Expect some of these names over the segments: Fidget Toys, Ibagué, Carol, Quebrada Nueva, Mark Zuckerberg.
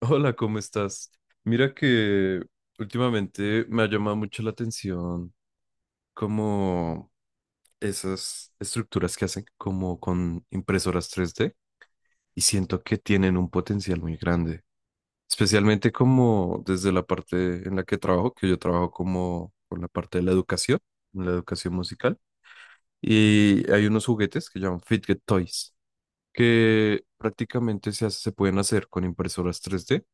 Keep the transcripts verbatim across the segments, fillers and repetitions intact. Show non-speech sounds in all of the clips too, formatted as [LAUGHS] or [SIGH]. Hola, ¿cómo estás? Mira que últimamente me ha llamado mucho la atención, como esas estructuras que hacen como con impresoras tres d, y siento que tienen un potencial muy grande, especialmente como desde la parte en la que trabajo, que yo trabajo como con la parte de la educación, en la educación musical, y hay unos juguetes que llaman Fidget Toys, que prácticamente se hace- se pueden hacer con impresoras tres d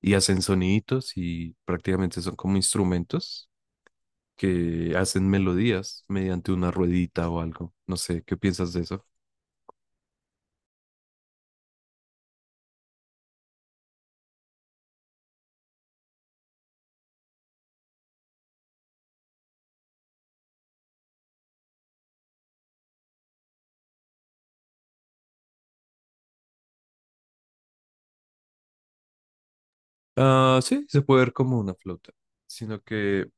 y hacen soniditos y prácticamente son como instrumentos que hacen melodías mediante una ruedita o algo. No sé, ¿qué piensas de eso? Ah, sí, se puede ver como una flauta, sino que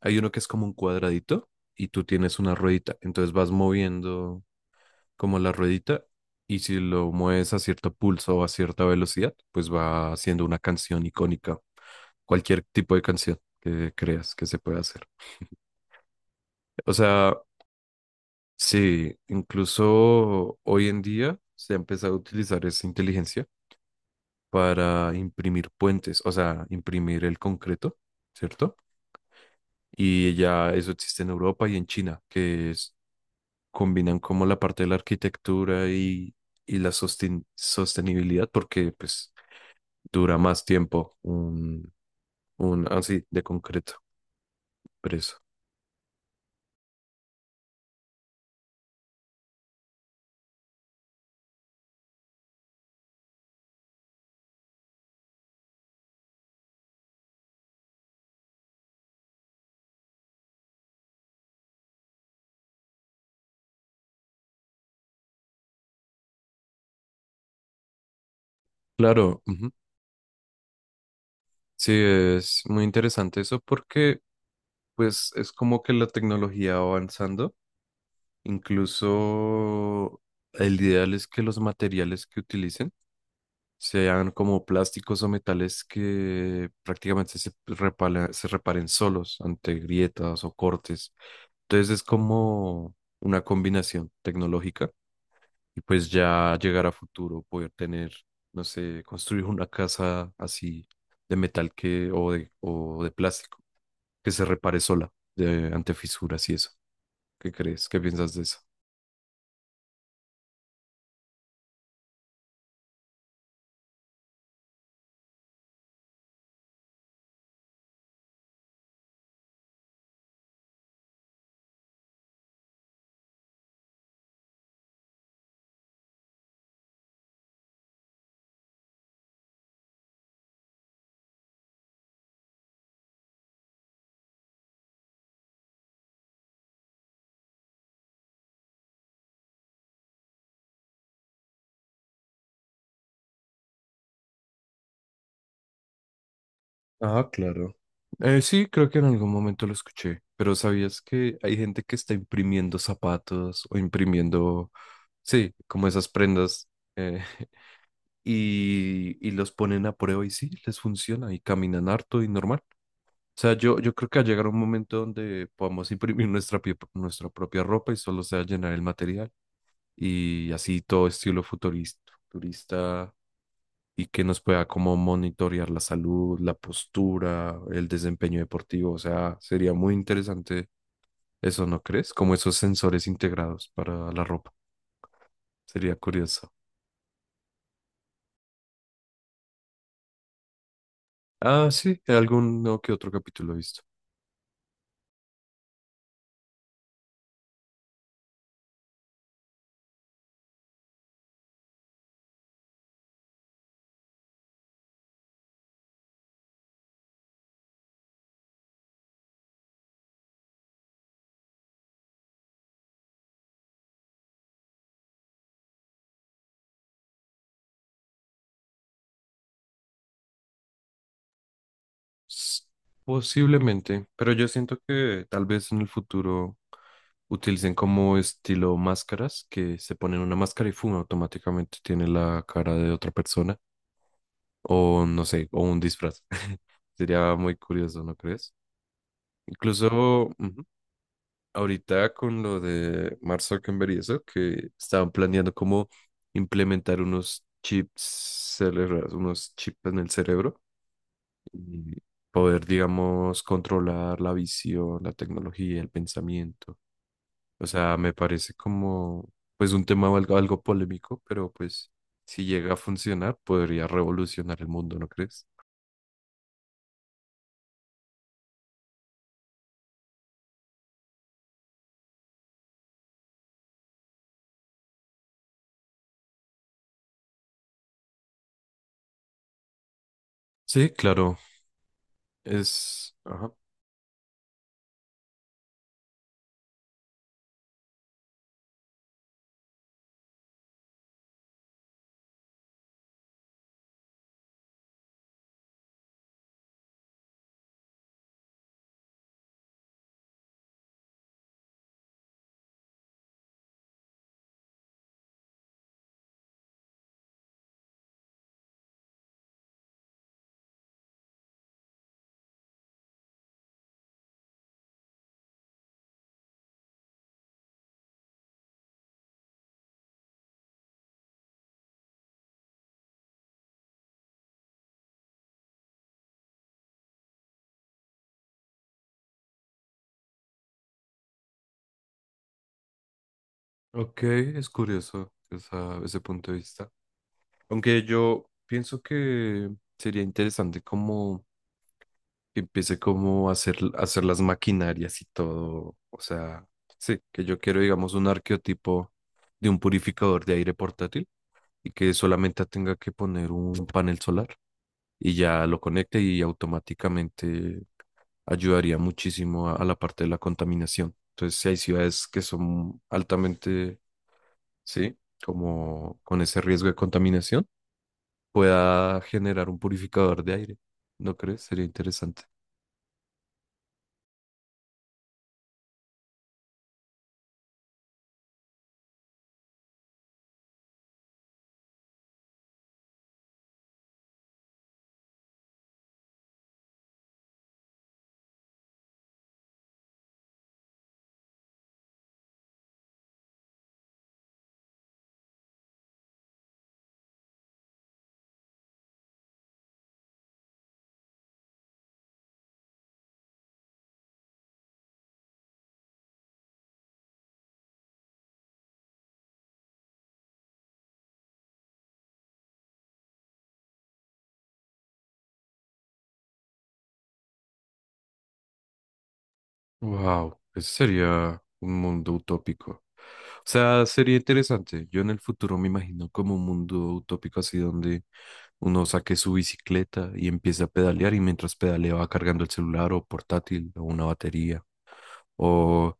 hay uno que es como un cuadradito y tú tienes una ruedita, entonces vas moviendo como la ruedita, y si lo mueves a cierto pulso o a cierta velocidad, pues va haciendo una canción icónica, cualquier tipo de canción que creas que se pueda hacer. O sea, sí, incluso hoy en día se ha empezado a utilizar esa inteligencia para imprimir puentes, o sea, imprimir el concreto, ¿cierto? Y ya eso existe en Europa y en China, que es- combinan como la parte de la arquitectura y, y la sosten- sostenibilidad, porque pues dura más tiempo un, un así de concreto preso. Claro, ujú. Sí, es muy interesante eso porque pues es como que la tecnología va avanzando. Incluso el ideal es que los materiales que utilicen sean como plásticos o metales que prácticamente se repala- se reparen solos ante grietas o cortes. Entonces es como una combinación tecnológica, y pues ya llegar a futuro, poder tener, no sé, construir una casa así de metal, que o de, o de plástico, que se repare sola de, ante fisuras y eso. ¿Qué crees? ¿Qué piensas de eso? Ah, claro. Eh, sí, creo que en algún momento lo escuché, pero ¿sabías que hay gente que está imprimiendo zapatos o imprimiendo, sí, como esas prendas eh, [LAUGHS] y, y los ponen a prueba y sí, les funciona y caminan harto y normal? O sea, yo, yo creo que va a llegar un momento donde podamos [LAUGHS] imprimir nuestra, pie- nuestra propia ropa y solo sea llenar el material y así todo estilo futurista, futurista y que nos pueda como monitorear la salud, la postura, el desempeño deportivo. O sea, sería muy interesante eso, ¿no crees? Como esos sensores integrados para la ropa. Sería curioso. Ah, sí, alguno que otro capítulo he visto. S- Posiblemente, pero yo siento que tal vez en el futuro utilicen como estilo máscaras, que se ponen una máscara y fuma automáticamente tiene la cara de otra persona, o no sé, o un disfraz. [LAUGHS] Sería muy curioso, ¿no crees? Incluso ujú, ahorita con lo de Mark Zuckerberg y eso, que estaban planeando cómo implementar unos chips cerebrales, unos chips en el cerebro, y poder, digamos, controlar la visión, la tecnología, el pensamiento. O sea, me parece como, pues, un tema algo, algo polémico, pero pues, si llega a funcionar, podría revolucionar el mundo, ¿no crees? Sí, claro, es... ajá. Ok, es curioso esa- ese punto de vista. Aunque yo pienso que sería interesante como que empiece como a hacer, a hacer las maquinarias y todo. O sea, sí, que yo quiero, digamos, un arqueotipo de un purificador de aire portátil, y que solamente tenga que poner un panel solar y ya lo conecte y automáticamente ayudaría muchísimo a, a la parte de la contaminación. Entonces, si hay ciudades que son altamente, sí, como con ese riesgo de contaminación, pueda generar un purificador de aire. ¿No crees? Sería interesante. Wow, ese sería un mundo utópico. O sea, sería interesante. Yo en el futuro me imagino como un mundo utópico así donde uno saque su bicicleta y empiece a pedalear, y mientras pedalea va cargando el celular o portátil o una batería. O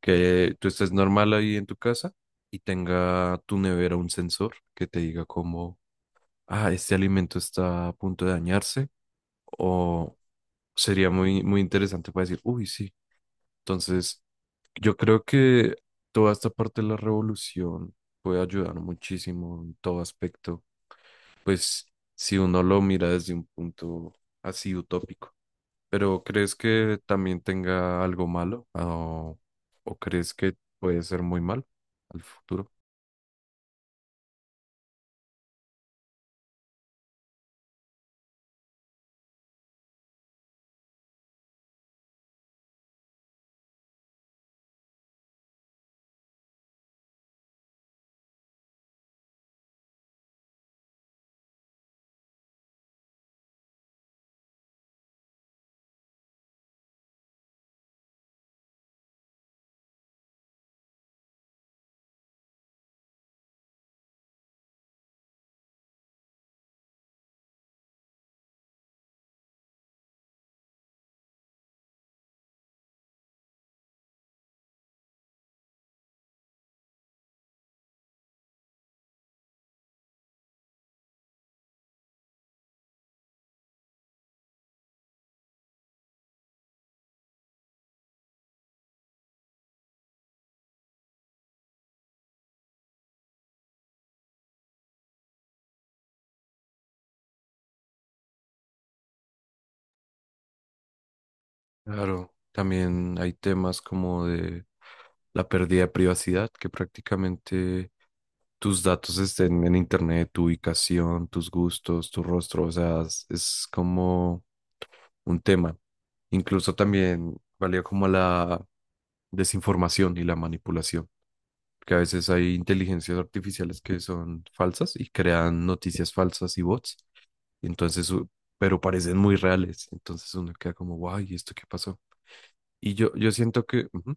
que tú estés normal ahí en tu casa y tenga tu nevera un sensor que te diga como, ah, este alimento está a punto de dañarse, o sería muy, muy interesante para decir, uy, sí. Entonces, yo creo que toda esta parte de la revolución puede ayudar muchísimo en todo aspecto, pues si uno lo mira desde un punto así utópico. Pero ¿crees que también tenga algo malo? ¿O, o crees que puede ser muy mal al futuro? Claro, también hay temas como de la pérdida de privacidad, que prácticamente tus datos estén en internet, tu ubicación, tus gustos, tu rostro, o sea, es, es como un tema. Incluso también valía como la desinformación y la manipulación, que a veces hay inteligencias artificiales que son falsas y crean noticias falsas y bots, entonces, u- pero parecen muy reales, entonces uno queda como, guay, ¿esto qué pasó? Y yo, yo siento que, ujú.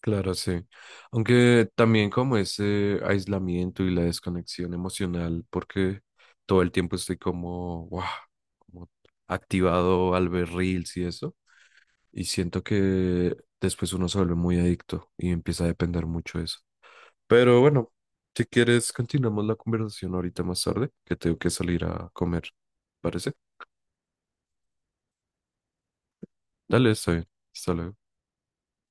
Claro, sí. Aunque también como ese aislamiento y la desconexión emocional, porque todo el tiempo estoy como, wow, como activado al ver reels y eso, y siento que después uno se vuelve muy adicto y empieza a depender mucho de eso. Pero bueno, si quieres, continuamos la conversación ahorita más tarde, que tengo que salir a comer. ¿Parece? Dale, está bien. Hasta luego.